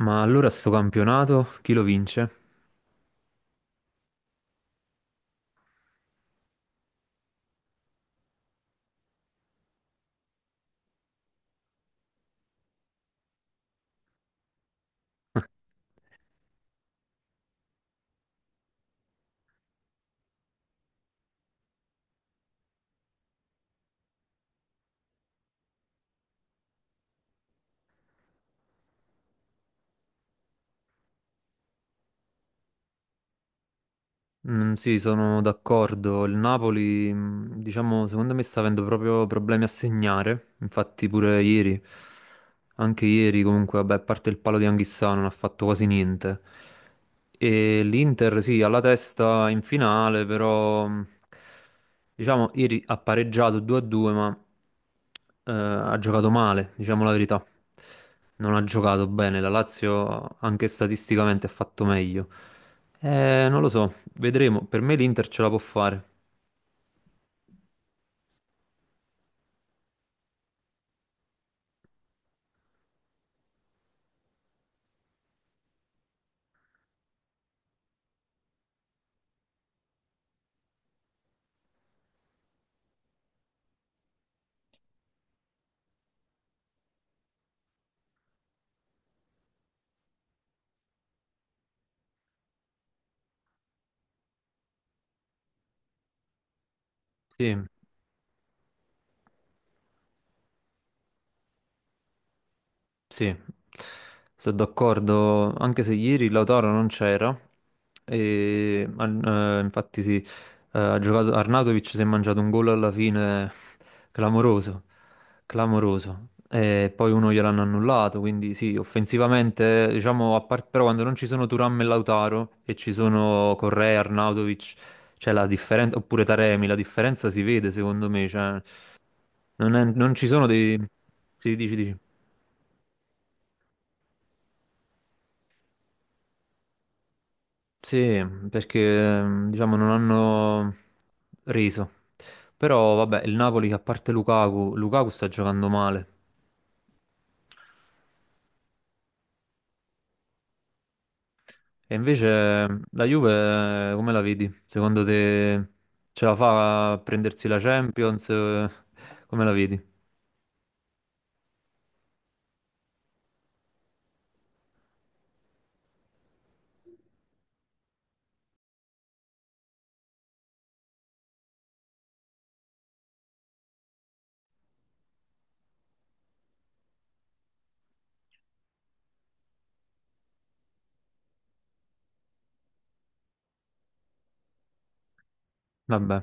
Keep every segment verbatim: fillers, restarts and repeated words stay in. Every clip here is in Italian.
Ma allora sto campionato chi lo vince? Mm, sì, sono d'accordo. Il Napoli, mm, diciamo, secondo me sta avendo proprio problemi a segnare. Infatti pure ieri, anche ieri comunque, vabbè, a parte il palo di Anghissà non ha fatto quasi niente. E l'Inter, sì, alla testa in finale, però mm, diciamo ieri ha pareggiato due a due, ma eh, ha giocato male, diciamo la verità. Non ha giocato bene. La Lazio anche statisticamente ha fatto meglio. Eh, non lo so, vedremo. Per me l'Inter ce la può fare. Sì, Sì, sono d'accordo, anche se ieri Lautaro non c'era, e, an- eh, infatti sì, eh, ha giocato, Arnautovic si è mangiato un gol alla fine clamoroso, clamoroso, e poi uno gliel'hanno annullato, quindi sì, offensivamente, diciamo, a par- però quando non ci sono Thuram e Lautaro e ci sono Correa, Arnautovic, cioè la differenza, oppure Taremi, la differenza si vede secondo me, cioè non, è- non ci sono dei. Sì, dici, dici. Sì, perché mm, diciamo non hanno reso. Però vabbè, il Napoli che a parte Lukaku, Lukaku sta giocando male. E invece mm, la Juve eh, come la vedi? Secondo te ce la fa a prendersi la Champions? Eh, Come la vedi? Vabbè,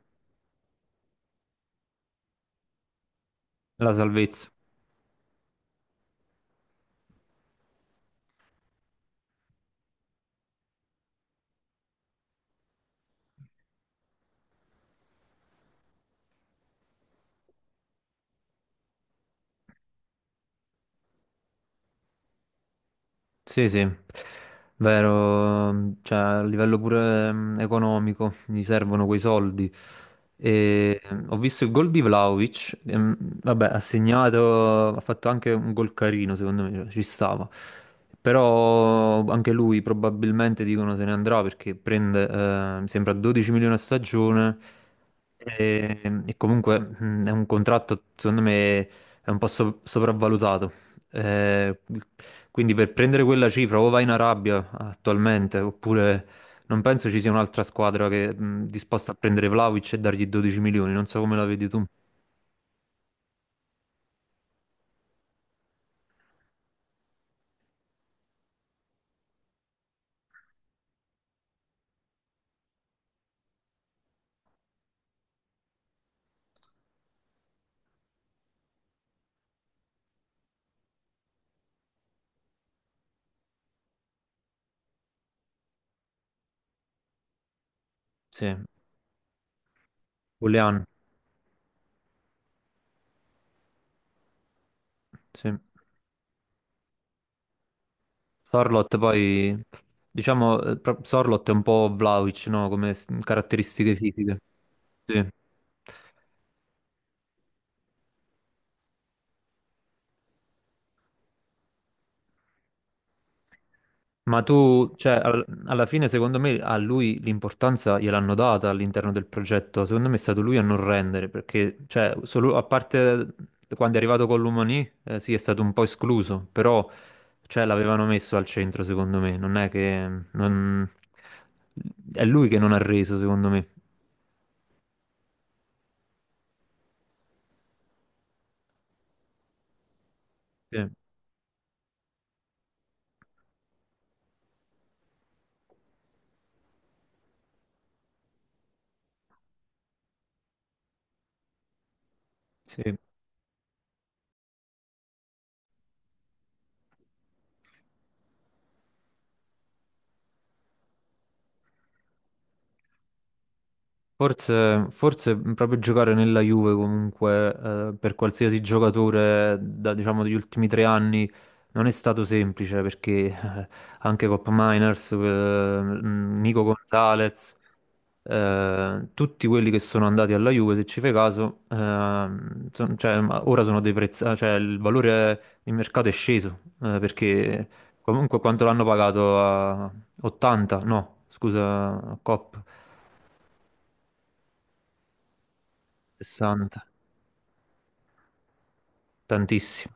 la salvezza. Sì, sì, vero, cioè a livello pure mm, economico gli servono quei soldi. E, mm, ho visto il gol di Vlahovic, e, mm, vabbè, ha segnato, ha fatto anche un gol carino, secondo me, cioè, ci stava. Però anche lui probabilmente dicono se ne andrà perché prende, eh, mi sembra 12 milioni a stagione e, e comunque mm, è un contratto, secondo me, è un po' so- sopravvalutato eh, quindi per prendere quella cifra o vai in Arabia attualmente, oppure non penso ci sia un'altra squadra che mh, disposta a prendere Vlahovic e dargli 12 milioni, non so come la vedi tu. Sì, Julian, sì. Sorloth poi, diciamo, eh, pro- Sorloth è un po' Vlahovic, no? Come s- caratteristiche fisiche. Sì. Ma tu, cioè, al- alla fine, secondo me, a lui l'importanza gliel'hanno data all'interno del progetto. Secondo me è stato lui a non rendere, perché, cioè, solo, a parte quando è arrivato con l'Umani, eh, sì, è stato un po' escluso, però, cioè, l'avevano messo al centro, secondo me. Non è che. non- È lui che non ha reso, secondo me. Sì, sì. Forse, forse proprio giocare nella Juve comunque eh, per qualsiasi giocatore da, diciamo, degli ultimi tre anni non è stato semplice perché eh, anche Cop Miners, eh, mh, Nico Gonzalez, eh, tutti quelli che sono andati alla Juve, se ci fai caso, ehm, son- cioè, ma ora sono dei prezzi, cioè il valore di mercato è sceso eh, perché comunque quanto l'hanno pagato a ottanta, no, scusa, Cop. sessanta. Tantissimo.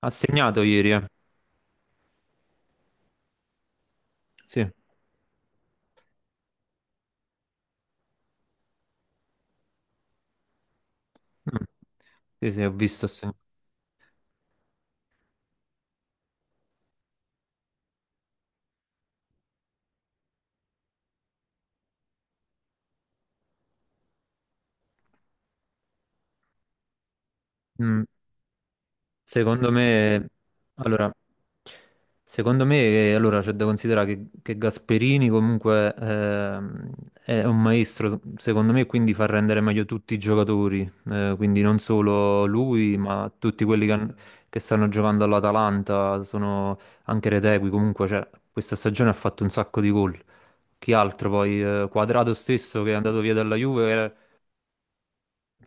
Ha segnato ieri, eh. Sì. Mm. Sì, sì, ho visto. ha seg- Mm. Secondo me, allora, secondo me, eh, allora, c'è da considerare che, che Gasperini comunque ehm, è un maestro, secondo me, quindi fa rendere meglio tutti i giocatori, eh, quindi non solo lui, ma tutti quelli che, han- che stanno giocando all'Atalanta, sono anche Retegui, comunque, cioè, questa stagione ha fatto un sacco di gol. Chi altro poi? Eh, Quadrato stesso che è andato via dalla Juve,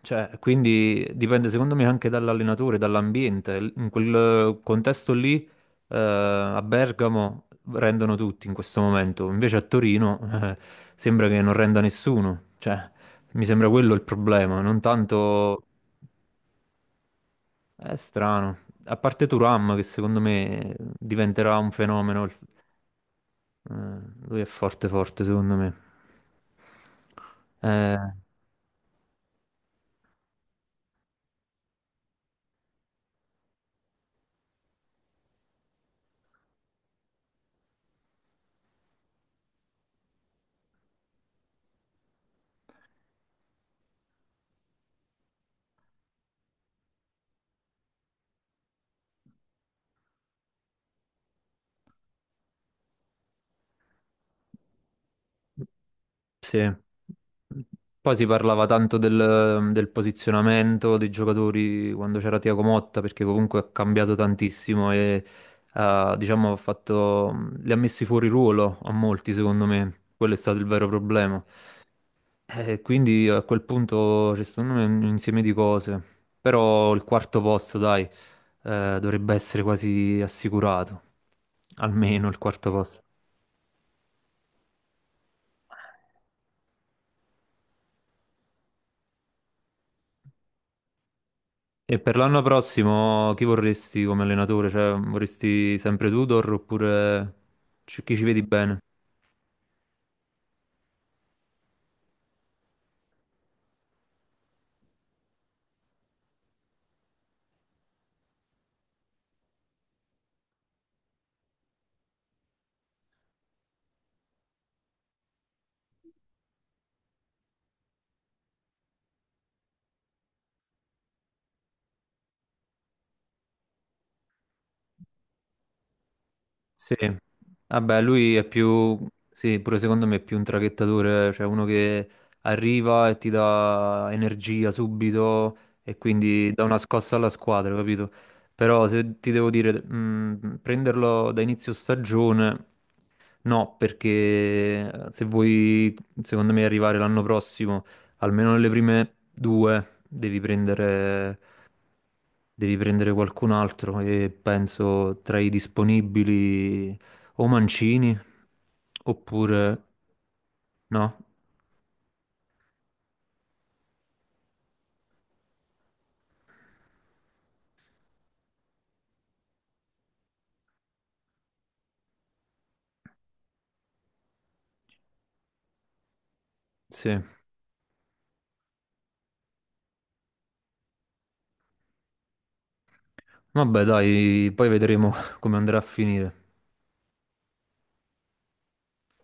cioè, quindi dipende secondo me anche dall'allenatore, dall'ambiente. L- In quel contesto lì, eh, a Bergamo rendono tutti in questo momento, invece a Torino, eh, sembra che non renda nessuno. Cioè, mi sembra quello il problema, non tanto. È strano. A parte Turam, che secondo me diventerà un fenomeno, il- eh, lui è forte, forte, secondo me. Eh, Sì. Poi si parlava tanto del, del posizionamento dei giocatori quando c'era Thiago Motta, perché comunque ha cambiato tantissimo e ha, diciamo, ha fatto, li ha messi fuori ruolo a molti, secondo me. Quello è stato il vero problema. E quindi a quel punto c'è secondo me un insieme di cose. Però il quarto posto, dai, eh, dovrebbe essere quasi assicurato. Almeno il quarto posto. E per l'anno prossimo chi vorresti come allenatore? Cioè, vorresti sempre Tudor oppure ci- chi ci vedi bene? Sì, vabbè, lui è più, sì, pure secondo me è più un traghettatore, cioè uno che arriva e ti dà energia subito e quindi dà una scossa alla squadra, capito? Però se ti devo dire, mh, prenderlo da inizio stagione, no, perché se vuoi, secondo me, arrivare l'anno prossimo, almeno nelle prime due, devi prendere Devi prendere qualcun altro e penso tra i disponibili o Mancini oppure no. Sì. Vabbè, dai, poi vedremo come andrà a finire.